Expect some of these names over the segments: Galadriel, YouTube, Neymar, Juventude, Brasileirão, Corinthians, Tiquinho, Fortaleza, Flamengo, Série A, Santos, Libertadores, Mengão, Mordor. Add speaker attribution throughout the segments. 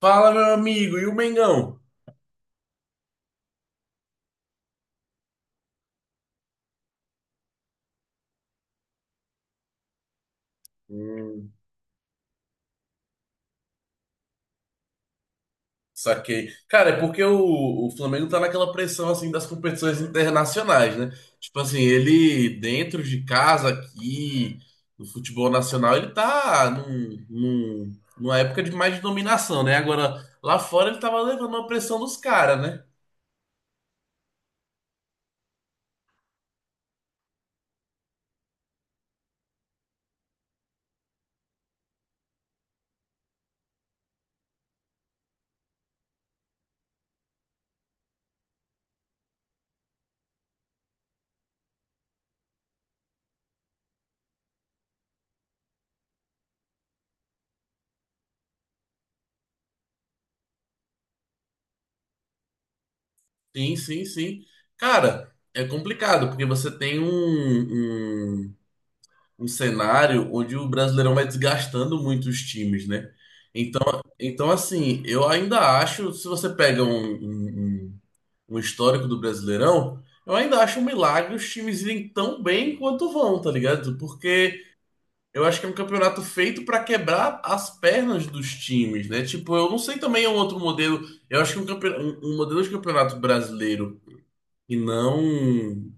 Speaker 1: Fala, meu amigo, e o Mengão? Hum, Saquei. Cara, é porque o Flamengo tá naquela pressão assim das competições internacionais, né? Tipo assim, ele dentro de casa aqui, no futebol nacional, ele tá numa época de mais de dominação, né? Agora, lá fora ele tava levando uma pressão dos caras, né? Sim, sim, sim. Cara, é complicado, porque você tem um cenário onde o Brasileirão vai desgastando muito os times, né? Então, então assim, eu ainda acho, se você pega um histórico do Brasileirão, eu ainda acho um milagre os times irem tão bem quanto vão, tá ligado? Porque eu acho que é um campeonato feito para quebrar as pernas dos times, né? Tipo, eu não sei também um outro modelo. Eu acho que um modelo de campeonato brasileiro e não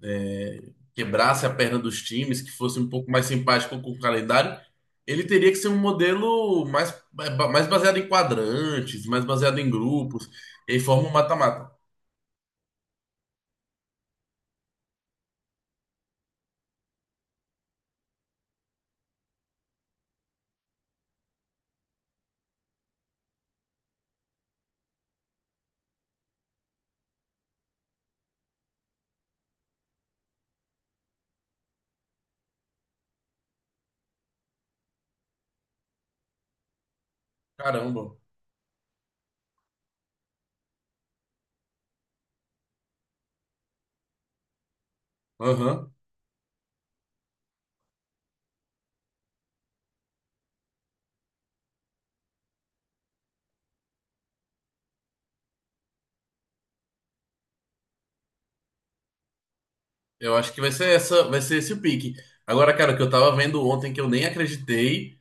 Speaker 1: é, quebrasse a perna dos times, que fosse um pouco mais simpático com o calendário, ele teria que ser um modelo mais baseado em quadrantes, mais baseado em grupos, e aí forma um mata-mata. Caramba. Aham. Eu acho que vai ser essa, vai ser esse o pique. Agora, cara, o que eu tava vendo ontem que eu nem acreditei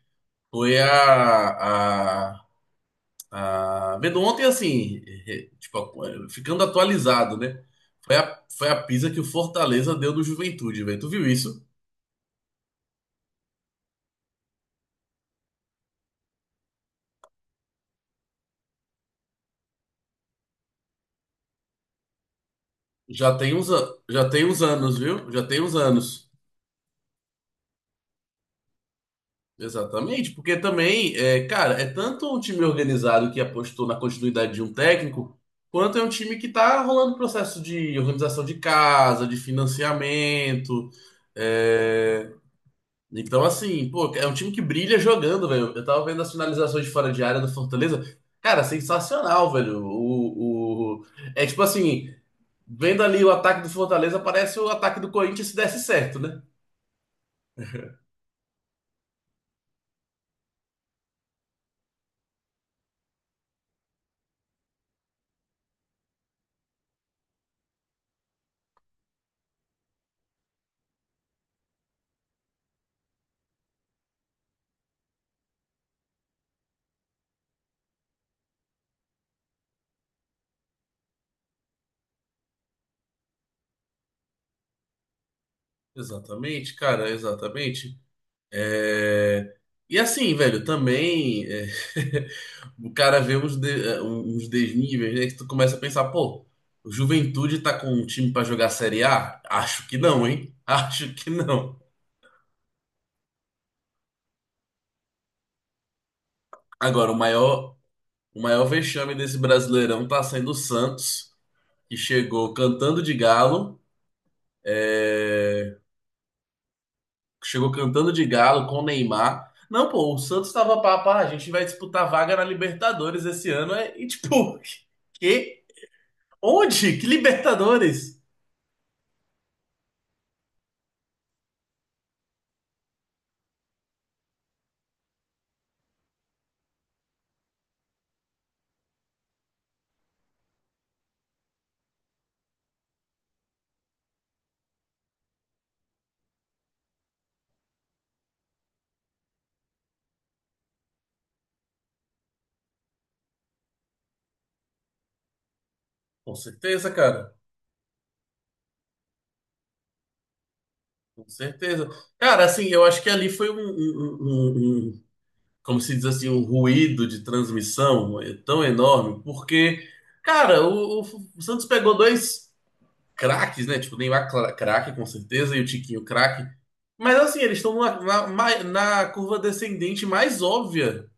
Speaker 1: foi a vendo ontem, assim, tipo, ficando atualizado, né? Foi a pisa que o Fortaleza deu no Juventude, velho. Tu viu isso? Já tem uns, já tem uns anos, viu? Já tem uns anos. Exatamente, porque também, é, cara, é tanto um time organizado que apostou na continuidade de um técnico, quanto é um time que tá rolando processo de organização de casa, de financiamento. É, então, assim, pô, é um time que brilha jogando, velho. Eu tava vendo as finalizações de fora de área do Fortaleza. Cara, sensacional, velho. É tipo assim, vendo ali o ataque do Fortaleza, parece o ataque do Corinthians se desse certo, né? Exatamente, cara, exatamente. É... E assim, velho, também é, o cara vê uns, uns desníveis, né? Que tu começa a pensar, pô, o Juventude tá com um time pra jogar Série A? Acho que não, hein? Acho que não. Agora, o maior... O maior vexame desse Brasileirão tá sendo o Santos, que chegou cantando de galo, é, chegou cantando de galo com o Neymar. Não, pô, o Santos tava papá, a gente vai disputar vaga na Libertadores esse ano, é- e tipo, que? Onde? Que Libertadores? Com certeza, cara, com certeza. Cara, assim, eu acho que ali foi como se diz assim, um ruído de transmissão é, tão enorme, porque, cara, o Santos pegou dois craques, né? Tipo, o Neymar craque, com certeza, e o Tiquinho craque. Mas assim, eles estão na curva descendente mais óbvia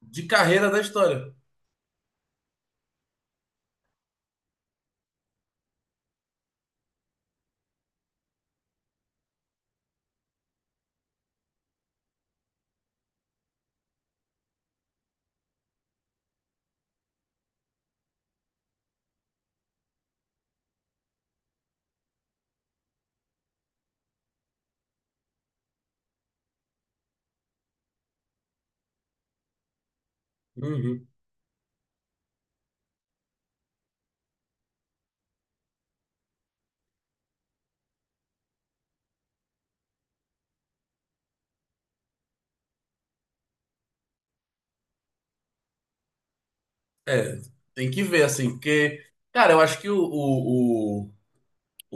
Speaker 1: de carreira da história. Uhum. É, tem que ver, assim, porque, cara, eu acho que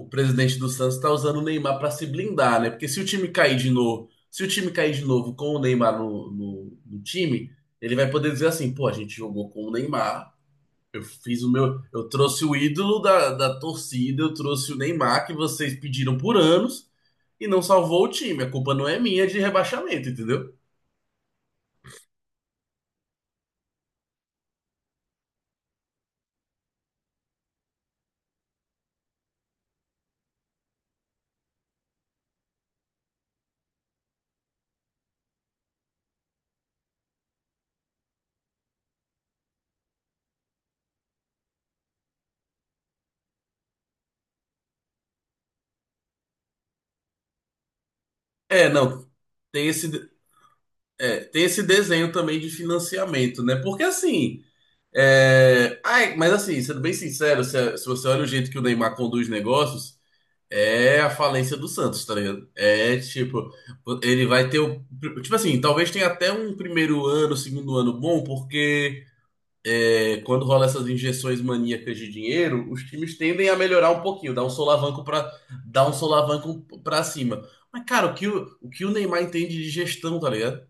Speaker 1: o presidente do Santos tá usando o Neymar pra se blindar, né? Porque se o time cair de novo, se o time cair de novo com o Neymar no time, ele vai poder dizer assim, pô, a gente jogou com o Neymar. Eu fiz o meu. Eu trouxe o ídolo da torcida, eu trouxe o Neymar, que vocês pediram por anos, e não salvou o time. A culpa não é minha de rebaixamento, entendeu? É, não. Tem esse, é, tem esse desenho também de financiamento, né? Porque assim. É... Ai, mas assim, sendo bem sincero, se você olha o jeito que o Neymar conduz negócios, é a falência do Santos, tá ligado? É tipo, ele vai ter o. Tipo assim, talvez tenha até um primeiro ano, segundo ano bom, porque é, quando rola essas injeções maníacas de dinheiro, os times tendem a melhorar um pouquinho, dar um solavanco para dar um solavanco para cima. Mas cara, o que o Neymar entende de gestão, tá ligado?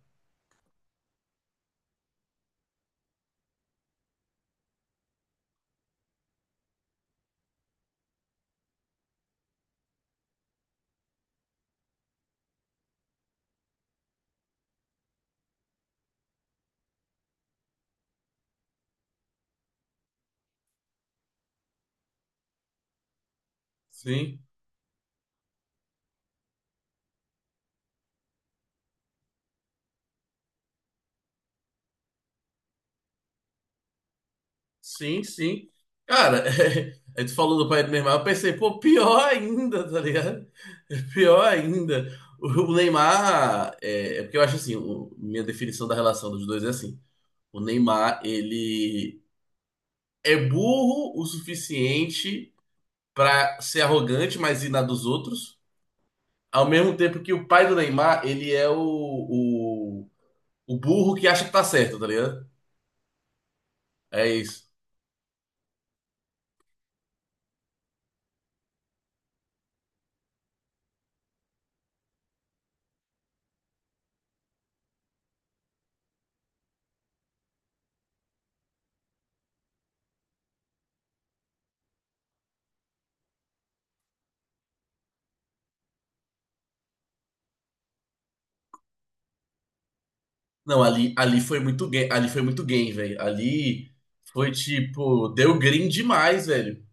Speaker 1: Sim, sim, sim. Cara, é, aí tu falou do pai do Neymar, eu pensei, pô, pior ainda, tá ligado? Pior ainda. O Neymar é, é porque eu acho assim, o- minha definição da relação dos dois é assim. O Neymar, ele é burro o suficiente pra ser arrogante, mas ir na dos outros. Ao mesmo tempo que o pai do Neymar, ele é o burro que acha que tá certo, tá ligado? É isso. Não, ali, ali foi muito game, ali foi muito game, velho. Ali foi tipo, deu green demais, velho.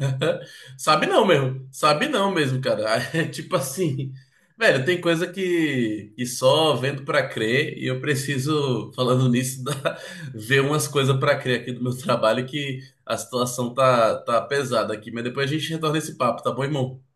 Speaker 1: Sabe não, mesmo. Sabe não mesmo, cara. É tipo assim, velho, tem coisa que só vendo pra crer e eu preciso, falando nisso, ver umas coisas pra crer aqui do meu trabalho que a situação tá pesada aqui. Mas depois a gente retorna esse papo, tá bom, irmão?